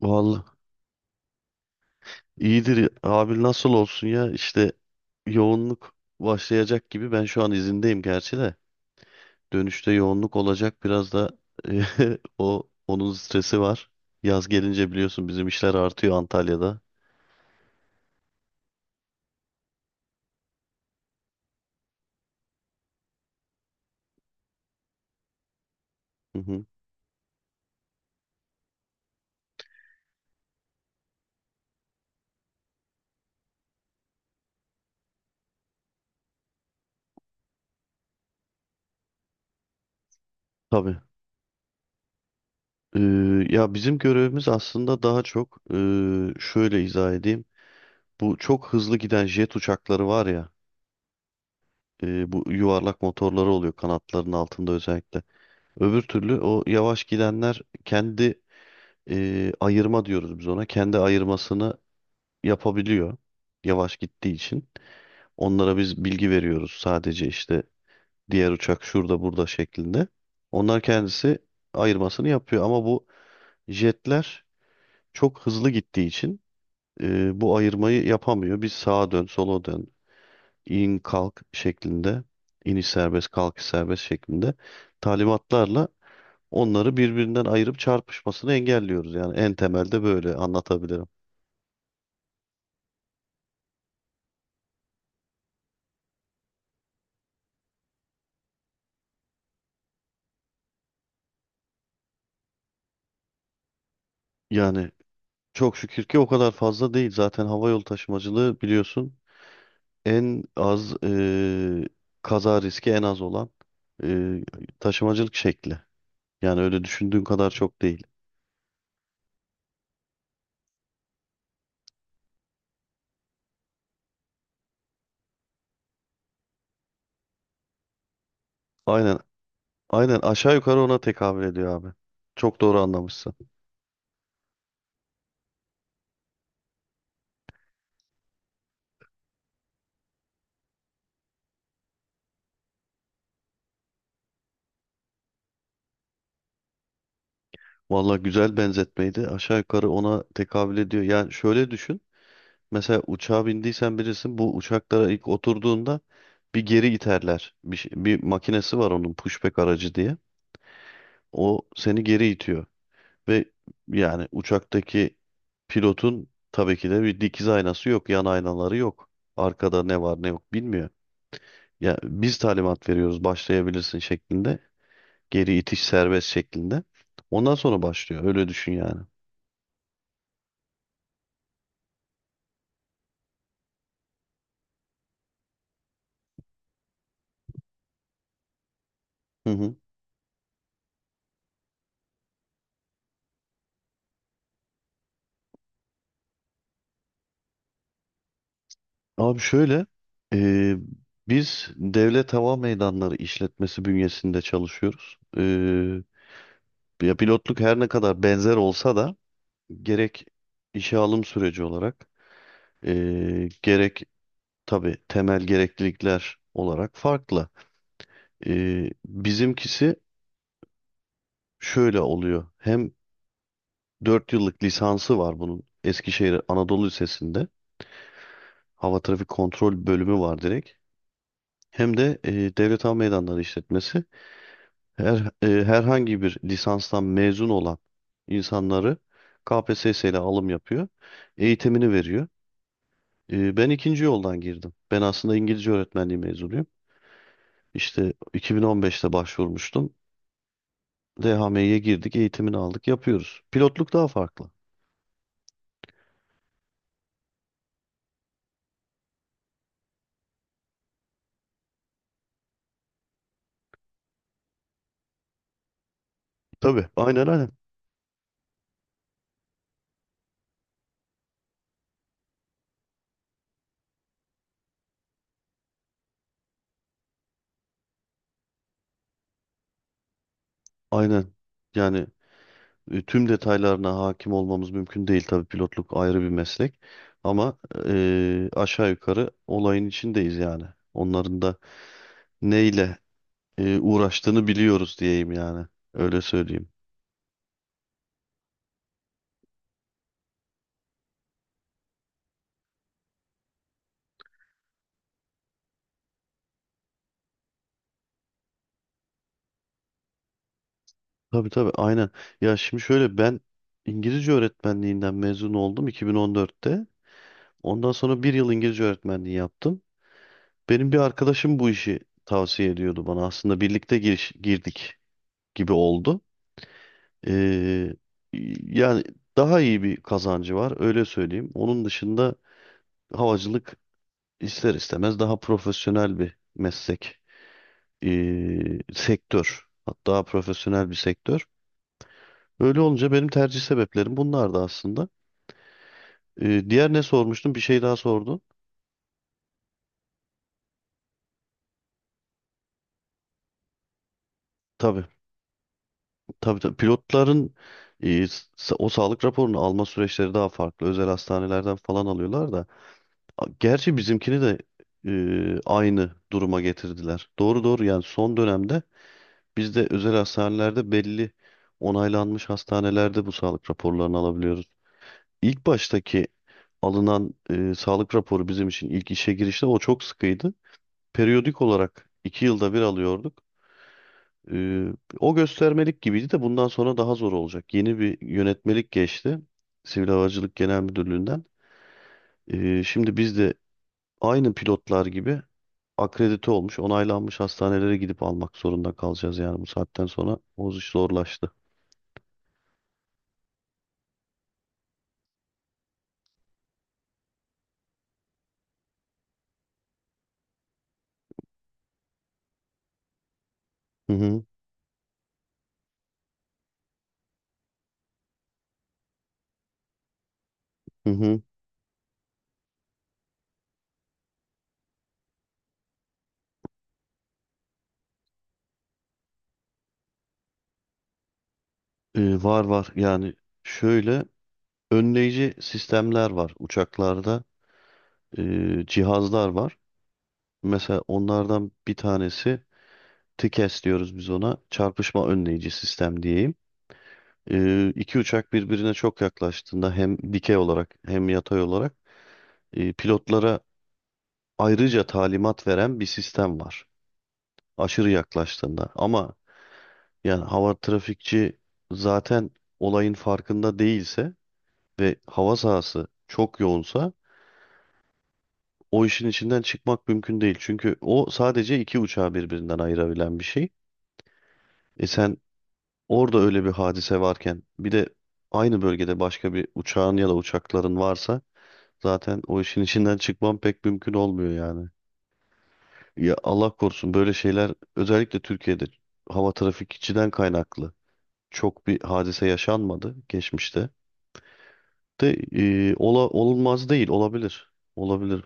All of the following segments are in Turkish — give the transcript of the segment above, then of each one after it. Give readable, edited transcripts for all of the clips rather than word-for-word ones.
Vallahi iyidir abi nasıl olsun ya işte yoğunluk başlayacak gibi ben şu an izindeyim gerçi de dönüşte yoğunluk olacak biraz da o onun stresi var. Yaz gelince biliyorsun bizim işler artıyor Antalya'da. Hı hı. Tabii. Ee, Ya bizim görevimiz aslında daha çok şöyle izah edeyim. Bu çok hızlı giden jet uçakları var ya, bu yuvarlak motorları oluyor kanatların altında özellikle. Öbür türlü o yavaş gidenler kendi, ayırma diyoruz biz ona. Kendi ayırmasını yapabiliyor yavaş gittiği için. Onlara biz bilgi veriyoruz sadece, işte diğer uçak şurada burada şeklinde. Onlar kendisi ayırmasını yapıyor ama bu jetler çok hızlı gittiği için bu ayırmayı yapamıyor. Biz sağa dön, sola dön, in kalk şeklinde, iniş serbest, kalkış serbest şeklinde talimatlarla onları birbirinden ayırıp çarpışmasını engelliyoruz. Yani en temelde böyle anlatabilirim. Yani çok şükür ki o kadar fazla değil. Zaten hava yolu taşımacılığı biliyorsun en az, kaza riski en az olan e, taşımacılık şekli. Yani öyle düşündüğün kadar çok değil. Aynen, aynen, aşağı yukarı ona tekabül ediyor abi. Çok doğru anlamışsın. Valla güzel benzetmeydi. Aşağı yukarı ona tekabül ediyor. Yani şöyle düşün. Mesela uçağa bindiysen bilirsin, bu uçaklara ilk oturduğunda bir geri iterler. Bir, bir makinesi var onun, pushback aracı diye. O seni geri itiyor. Ve yani uçaktaki pilotun tabii ki de bir dikiz aynası yok, yan aynaları yok. Arkada ne var ne yok bilmiyor. Ya biz talimat veriyoruz başlayabilirsin şeklinde. Geri itiş serbest şeklinde. Ondan sonra başlıyor. Öyle düşün yani. Hı hı. Abi şöyle, e, biz Devlet Hava Meydanları işletmesi bünyesinde çalışıyoruz. E, ya pilotluk her ne kadar benzer olsa da gerek işe alım süreci olarak, gerek tabii temel gereklilikler olarak farklı. Bizimkisi şöyle oluyor. Hem 4 yıllık lisansı var bunun Eskişehir Anadolu Lisesi'nde. Hava Trafik Kontrol bölümü var direkt. Hem de, Devlet Hava Meydanları İşletmesi her, herhangi bir lisanstan mezun olan insanları KPSS ile alım yapıyor. Eğitimini veriyor. E, ben ikinci yoldan girdim. Ben aslında İngilizce öğretmenliği mezunuyum. İşte 2015'te başvurmuştum. DHM'ye girdik, eğitimini aldık, yapıyoruz. Pilotluk daha farklı. Tabii. Aynen, aynen. Aynen. Yani tüm detaylarına hakim olmamız mümkün değil, tabii pilotluk ayrı bir meslek. Ama aşağı yukarı olayın içindeyiz yani. Onların da neyle uğraştığını biliyoruz diyeyim yani. Öyle söyleyeyim. Tabii, tabii, aynen. Ya şimdi şöyle, ben İngilizce öğretmenliğinden mezun oldum 2014'te. Ondan sonra bir yıl İngilizce öğretmenliği yaptım. Benim bir arkadaşım bu işi tavsiye ediyordu bana. Aslında birlikte girdik gibi oldu. Ee, Yani daha iyi bir kazancı var, öyle söyleyeyim. Onun dışında havacılık ister istemez daha profesyonel bir meslek, sektör. Hatta profesyonel bir sektör. Öyle olunca benim tercih sebeplerim bunlardı aslında. Diğer ne sormuştum? Bir şey daha sordun. Tabii. Tabii, tabii, pilotların e, o sağlık raporunu alma süreçleri daha farklı. Özel hastanelerden falan alıyorlar da. Gerçi bizimkini de aynı duruma getirdiler. Doğru, doğru, yani son dönemde bizde özel hastanelerde belli onaylanmış hastanelerde bu sağlık raporlarını alabiliyoruz. İlk baştaki alınan sağlık raporu bizim için ilk işe girişte o çok sıkıydı. Periyodik olarak iki yılda bir alıyorduk. Ee, O göstermelik gibiydi de bundan sonra daha zor olacak. Yeni bir yönetmelik geçti. Sivil Havacılık Genel Müdürlüğü'nden. Şimdi biz de aynı pilotlar gibi akredite olmuş, onaylanmış hastanelere gidip almak zorunda kalacağız, yani bu saatten sonra o iş zorlaştı. Hı hı, hı hı. Var, var, yani şöyle önleyici sistemler var uçaklarda. Cihazlar var. Mesela onlardan bir tanesi TİKES diyoruz biz ona, çarpışma önleyici sistem diyeyim. E, iki uçak birbirine çok yaklaştığında hem dikey olarak hem yatay olarak pilotlara ayrıca talimat veren bir sistem var. Aşırı yaklaştığında. Ama yani hava trafikçi zaten olayın farkında değilse ve hava sahası çok yoğunsa o işin içinden çıkmak mümkün değil. Çünkü o sadece iki uçağı birbirinden ayırabilen bir şey. E sen orada öyle bir hadise varken bir de aynı bölgede başka bir uçağın ya da uçakların varsa zaten o işin içinden çıkmam pek mümkün olmuyor yani. Ya Allah korusun, böyle şeyler özellikle Türkiye'de hava trafikçiden kaynaklı çok bir hadise yaşanmadı geçmişte. De olmaz değil, olabilir. Olabilir.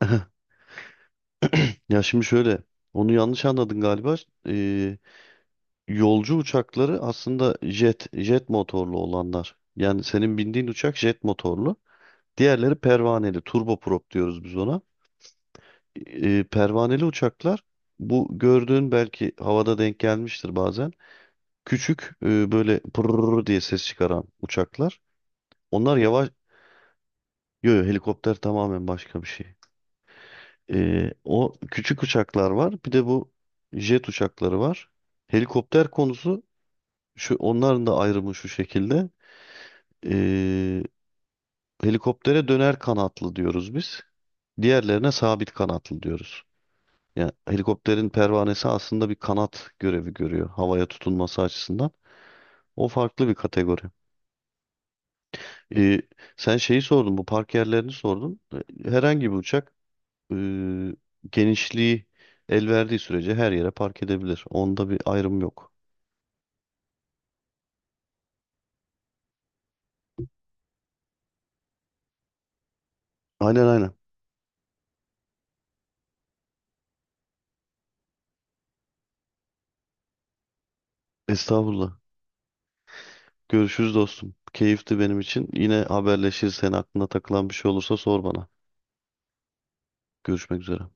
Ya şimdi şöyle, onu yanlış anladın galiba. E, yolcu uçakları aslında jet motorlu olanlar. Yani senin bindiğin uçak jet motorlu. Diğerleri pervaneli, turboprop diyoruz biz ona. Pervaneli uçaklar bu gördüğün belki havada denk gelmiştir bazen. Küçük, böyle pırrr diye ses çıkaran uçaklar. Onlar yavaş, yo, helikopter tamamen başka bir şey. E, o küçük uçaklar var. Bir de bu jet uçakları var. Helikopter konusu, şu onların da ayrımı şu şekilde. E, helikoptere döner kanatlı diyoruz biz. Diğerlerine sabit kanatlı diyoruz. Yani helikopterin pervanesi aslında bir kanat görevi görüyor havaya tutunması açısından. O farklı bir kategori. Ee, Sen şeyi sordun, bu park yerlerini sordun. Herhangi bir uçak e, genişliği el verdiği sürece her yere park edebilir. Onda bir ayrım yok. Aynen, aynen. Estağfurullah. Görüşürüz dostum. Keyifti benim için. Yine haberleşirsen aklına takılan bir şey olursa sor bana. Görüşmek üzere.